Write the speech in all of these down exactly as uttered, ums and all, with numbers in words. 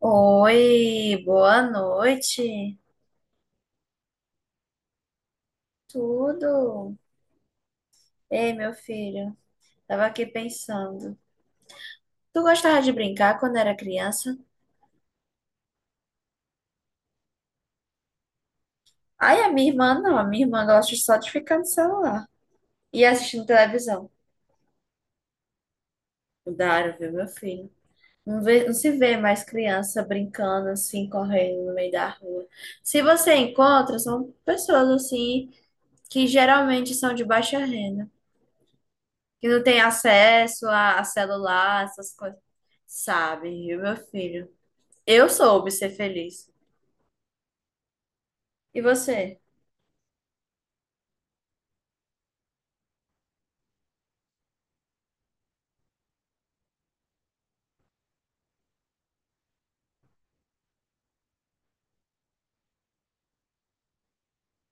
Oi, boa noite. Tudo? Ei, meu filho, tava aqui pensando. Tu gostava de brincar quando era criança? Ai, a minha irmã não, a minha irmã gosta só de ficar no celular e assistindo televisão. Mudaram, viu, meu filho? Não vê- não se vê mais criança brincando assim, correndo no meio da rua. Se você encontra, são pessoas assim que geralmente são de baixa renda. Que não tem acesso a, a celular, essas coisas. Sabe, viu, meu filho? Eu soube ser feliz. E você?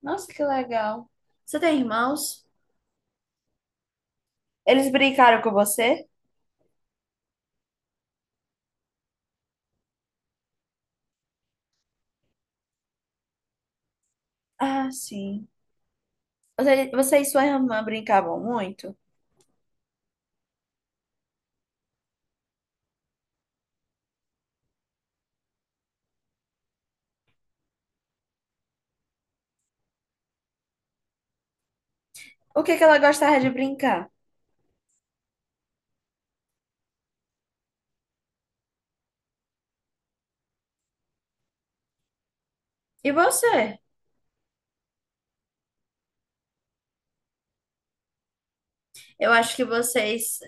Nossa, que legal. Você tem irmãos? Eles brincaram com você? Ah, sim. Você, você e sua irmã brincavam muito? O que que ela gostava de brincar? E você? Eu acho que vocês.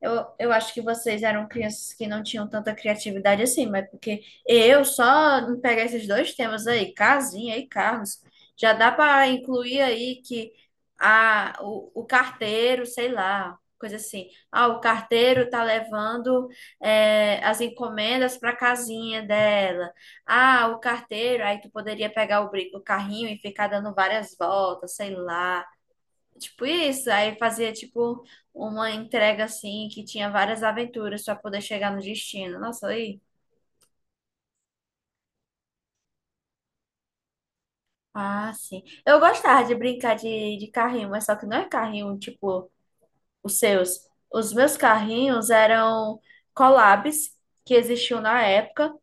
Eu, eu acho que vocês eram crianças que não tinham tanta criatividade assim, mas porque eu só em pegar esses dois temas aí, casinha e carros, já dá para incluir aí que a, o, o carteiro, sei lá, coisa assim. Ah, o carteiro tá levando é, as encomendas para casinha dela. Ah, o carteiro, aí tu poderia pegar o, bri- o carrinho e ficar dando várias voltas, sei lá. Tipo isso, aí fazia tipo uma entrega assim que tinha várias aventuras para poder chegar no destino. Nossa, aí. Ah, sim. Eu gostava de brincar de, de carrinho, mas só que não é carrinho tipo os seus. Os meus carrinhos eram collabs que existiam na época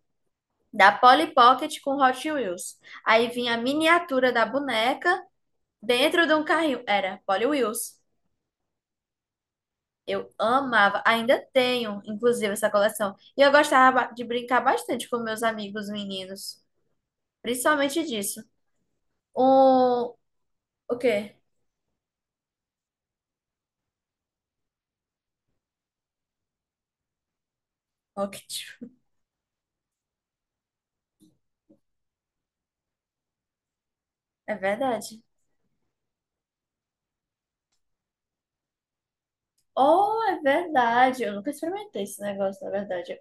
da Polly Pocket com Hot Wheels. Aí vinha a miniatura da boneca dentro de um carrinho. Era Polly Wheels. Eu amava, ainda tenho, inclusive, essa coleção. E eu gostava ba- de brincar bastante com meus amigos meninos, principalmente disso. O, o quê? Rocket. É verdade. Oh, é verdade. Eu nunca experimentei esse negócio, na verdade.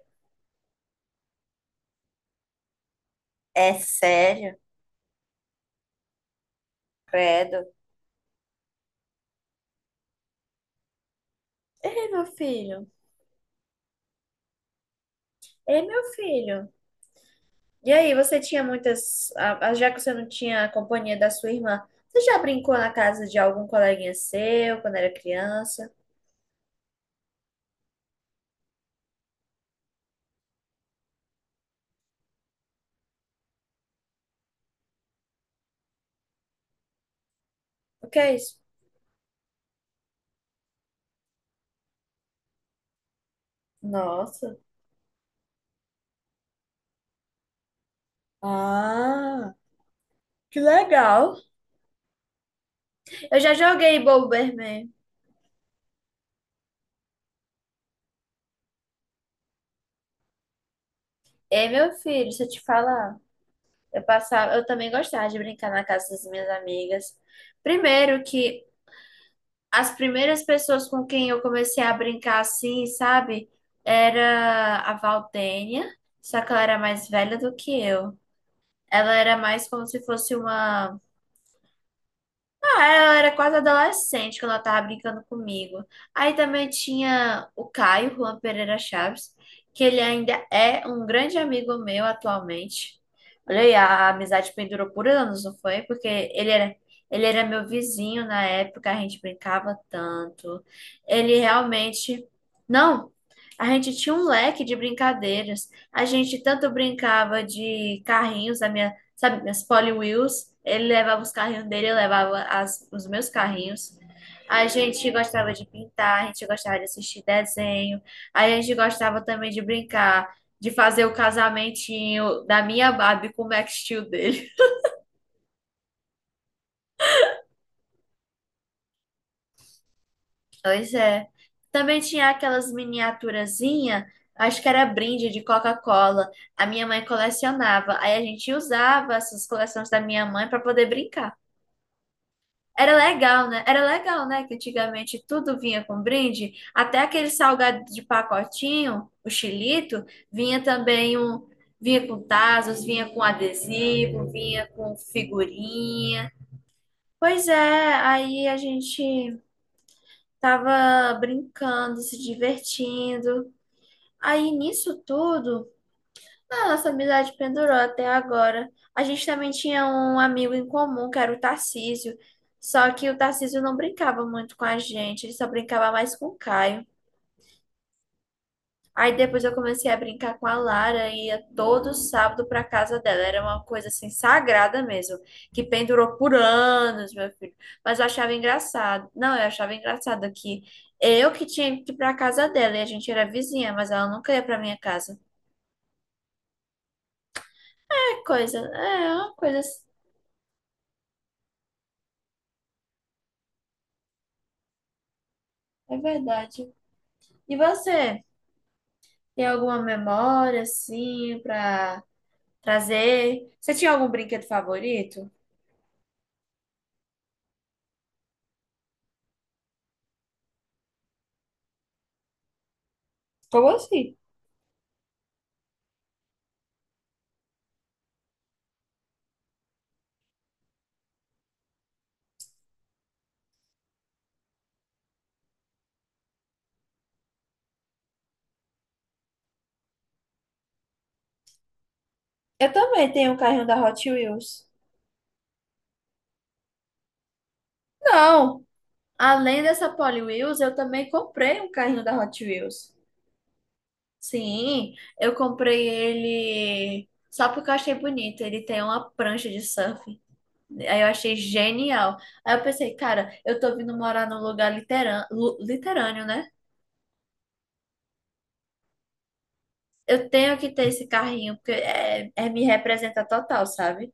É sério? Credo. Ei, meu filho. Ei, meu filho. E aí, você tinha muitas. ah, Já que você não tinha a companhia da sua irmã, você já brincou na casa de algum coleguinha seu quando era criança? O que é isso? Nossa. Ah, que legal. Eu já joguei Bomberman. Ei, meu filho, se eu te falar, eu passava, eu também gostava de brincar na casa das minhas amigas. Primeiro que as primeiras pessoas com quem eu comecei a brincar assim, sabe, era a Valdênia, só que ela era mais velha do que eu. Ela era mais como se fosse uma. Ah, ela era quase adolescente quando ela tava brincando comigo. Aí também tinha o Caio, Juan Pereira Chaves, que ele ainda é um grande amigo meu atualmente. Olha aí, a amizade pendurou por anos, não foi? Porque ele era, ele era meu vizinho na época, a gente brincava tanto. Ele realmente. Não, a gente tinha um leque de brincadeiras. A gente tanto brincava de carrinhos, a minha sabe, minhas Polly Wheels. Ele levava os carrinhos dele, eu levava as, os meus carrinhos. A gente gostava de pintar, a gente gostava de assistir desenho, a gente gostava também de brincar, de fazer o casamentinho da minha Barbie com o Max Steel dele. Pois é. Também tinha aquelas miniaturazinhas, acho que era brinde de Coca-Cola. A minha mãe colecionava, aí a gente usava essas coleções da minha mãe para poder brincar. Era legal, né? Era legal, né? Que antigamente tudo vinha com brinde, até aquele salgado de pacotinho, o xilito, vinha também um, vinha com tazos, vinha com adesivo, vinha com figurinha. Pois é, aí a gente tava brincando, se divertindo. Aí nisso tudo ah, nossa amizade pendurou até agora. A gente também tinha um amigo em comum, que era o Tarcísio. Só que o Tarcísio não brincava muito com a gente, ele só brincava mais com o Caio. Aí depois eu comecei a brincar com a Lara e ia todo sábado para casa dela. Era uma coisa assim sagrada mesmo, que pendurou por anos, meu filho. Mas eu achava engraçado. Não, eu achava engraçado que eu que tinha que ir para casa dela e a gente era vizinha, mas ela nunca ia para minha casa. É coisa, é uma coisa, é verdade. E você? Tem alguma memória, assim, pra trazer? Você tinha algum brinquedo favorito? Como assim? Eu também tenho um carrinho da Hot Wheels. Não! Além dessa Polly Wheels, eu também comprei um carrinho da Hot Wheels. Sim, eu comprei ele só porque eu achei bonito. Ele tem uma prancha de surf. Aí eu achei genial. Aí eu pensei, cara, eu tô vindo morar num lugar literan- lu- litorâneo, né? Eu tenho que ter esse carrinho, porque é, é me representa total, sabe?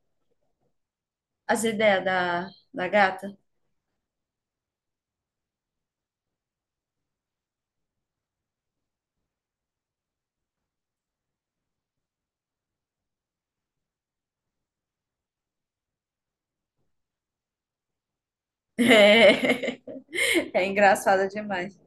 As ideias da, da gata. É, é engraçada demais.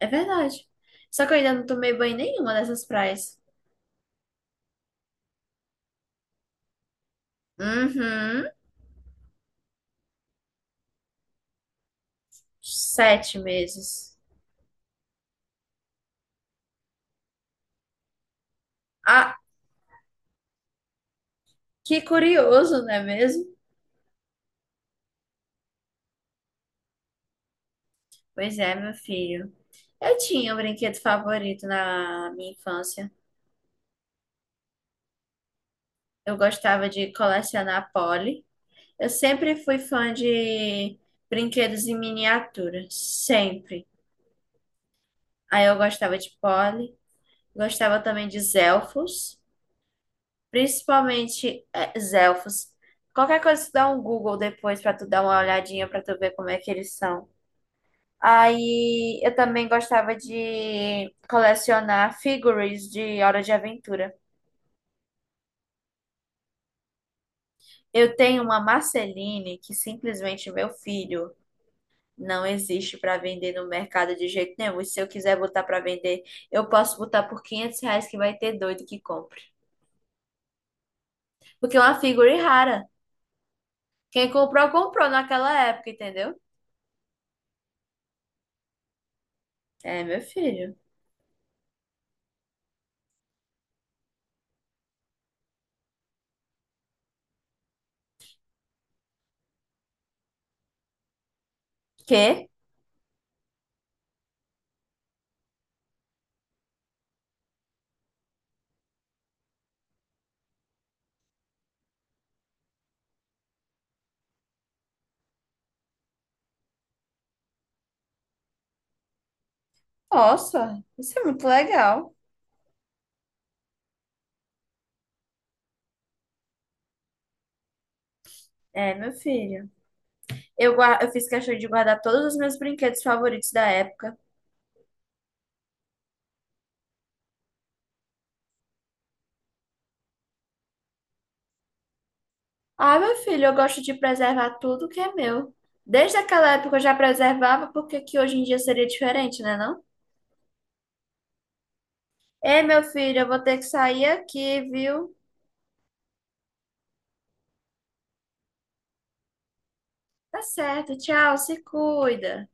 É verdade. Só que eu ainda não tomei banho em nenhuma dessas praias. Uhum. Sete meses. Ah, que curioso, não é mesmo? Pois é, meu filho. Eu tinha um brinquedo favorito na minha infância. Eu gostava de colecionar Polly. Eu sempre fui fã de brinquedos em miniatura, sempre. Aí eu gostava de Polly, gostava também de Zelfos, principalmente é, Zelfos. Qualquer coisa, tu dá um Google depois pra tu dar uma olhadinha pra tu ver como é que eles são. Aí eu também gostava de colecionar figurines de Hora de Aventura. Eu tenho uma Marceline que simplesmente meu filho. Não existe para vender no mercado de jeito nenhum. E se eu quiser botar para vender, eu posso botar por quinhentos reais que vai ter doido que compre. Porque é uma figura rara. Quem comprou, comprou naquela época, entendeu? É, meu filho. Que? Nossa, isso é muito legal. É, meu filho. Eu, gua- eu fiz questão de guardar todos os meus brinquedos favoritos da época. Ah, meu filho, eu gosto de preservar tudo que é meu. Desde aquela época eu já preservava, porque que hoje em dia seria diferente, né, não? Ei, meu filho, eu vou ter que sair aqui, viu? Tá certo, tchau, se cuida.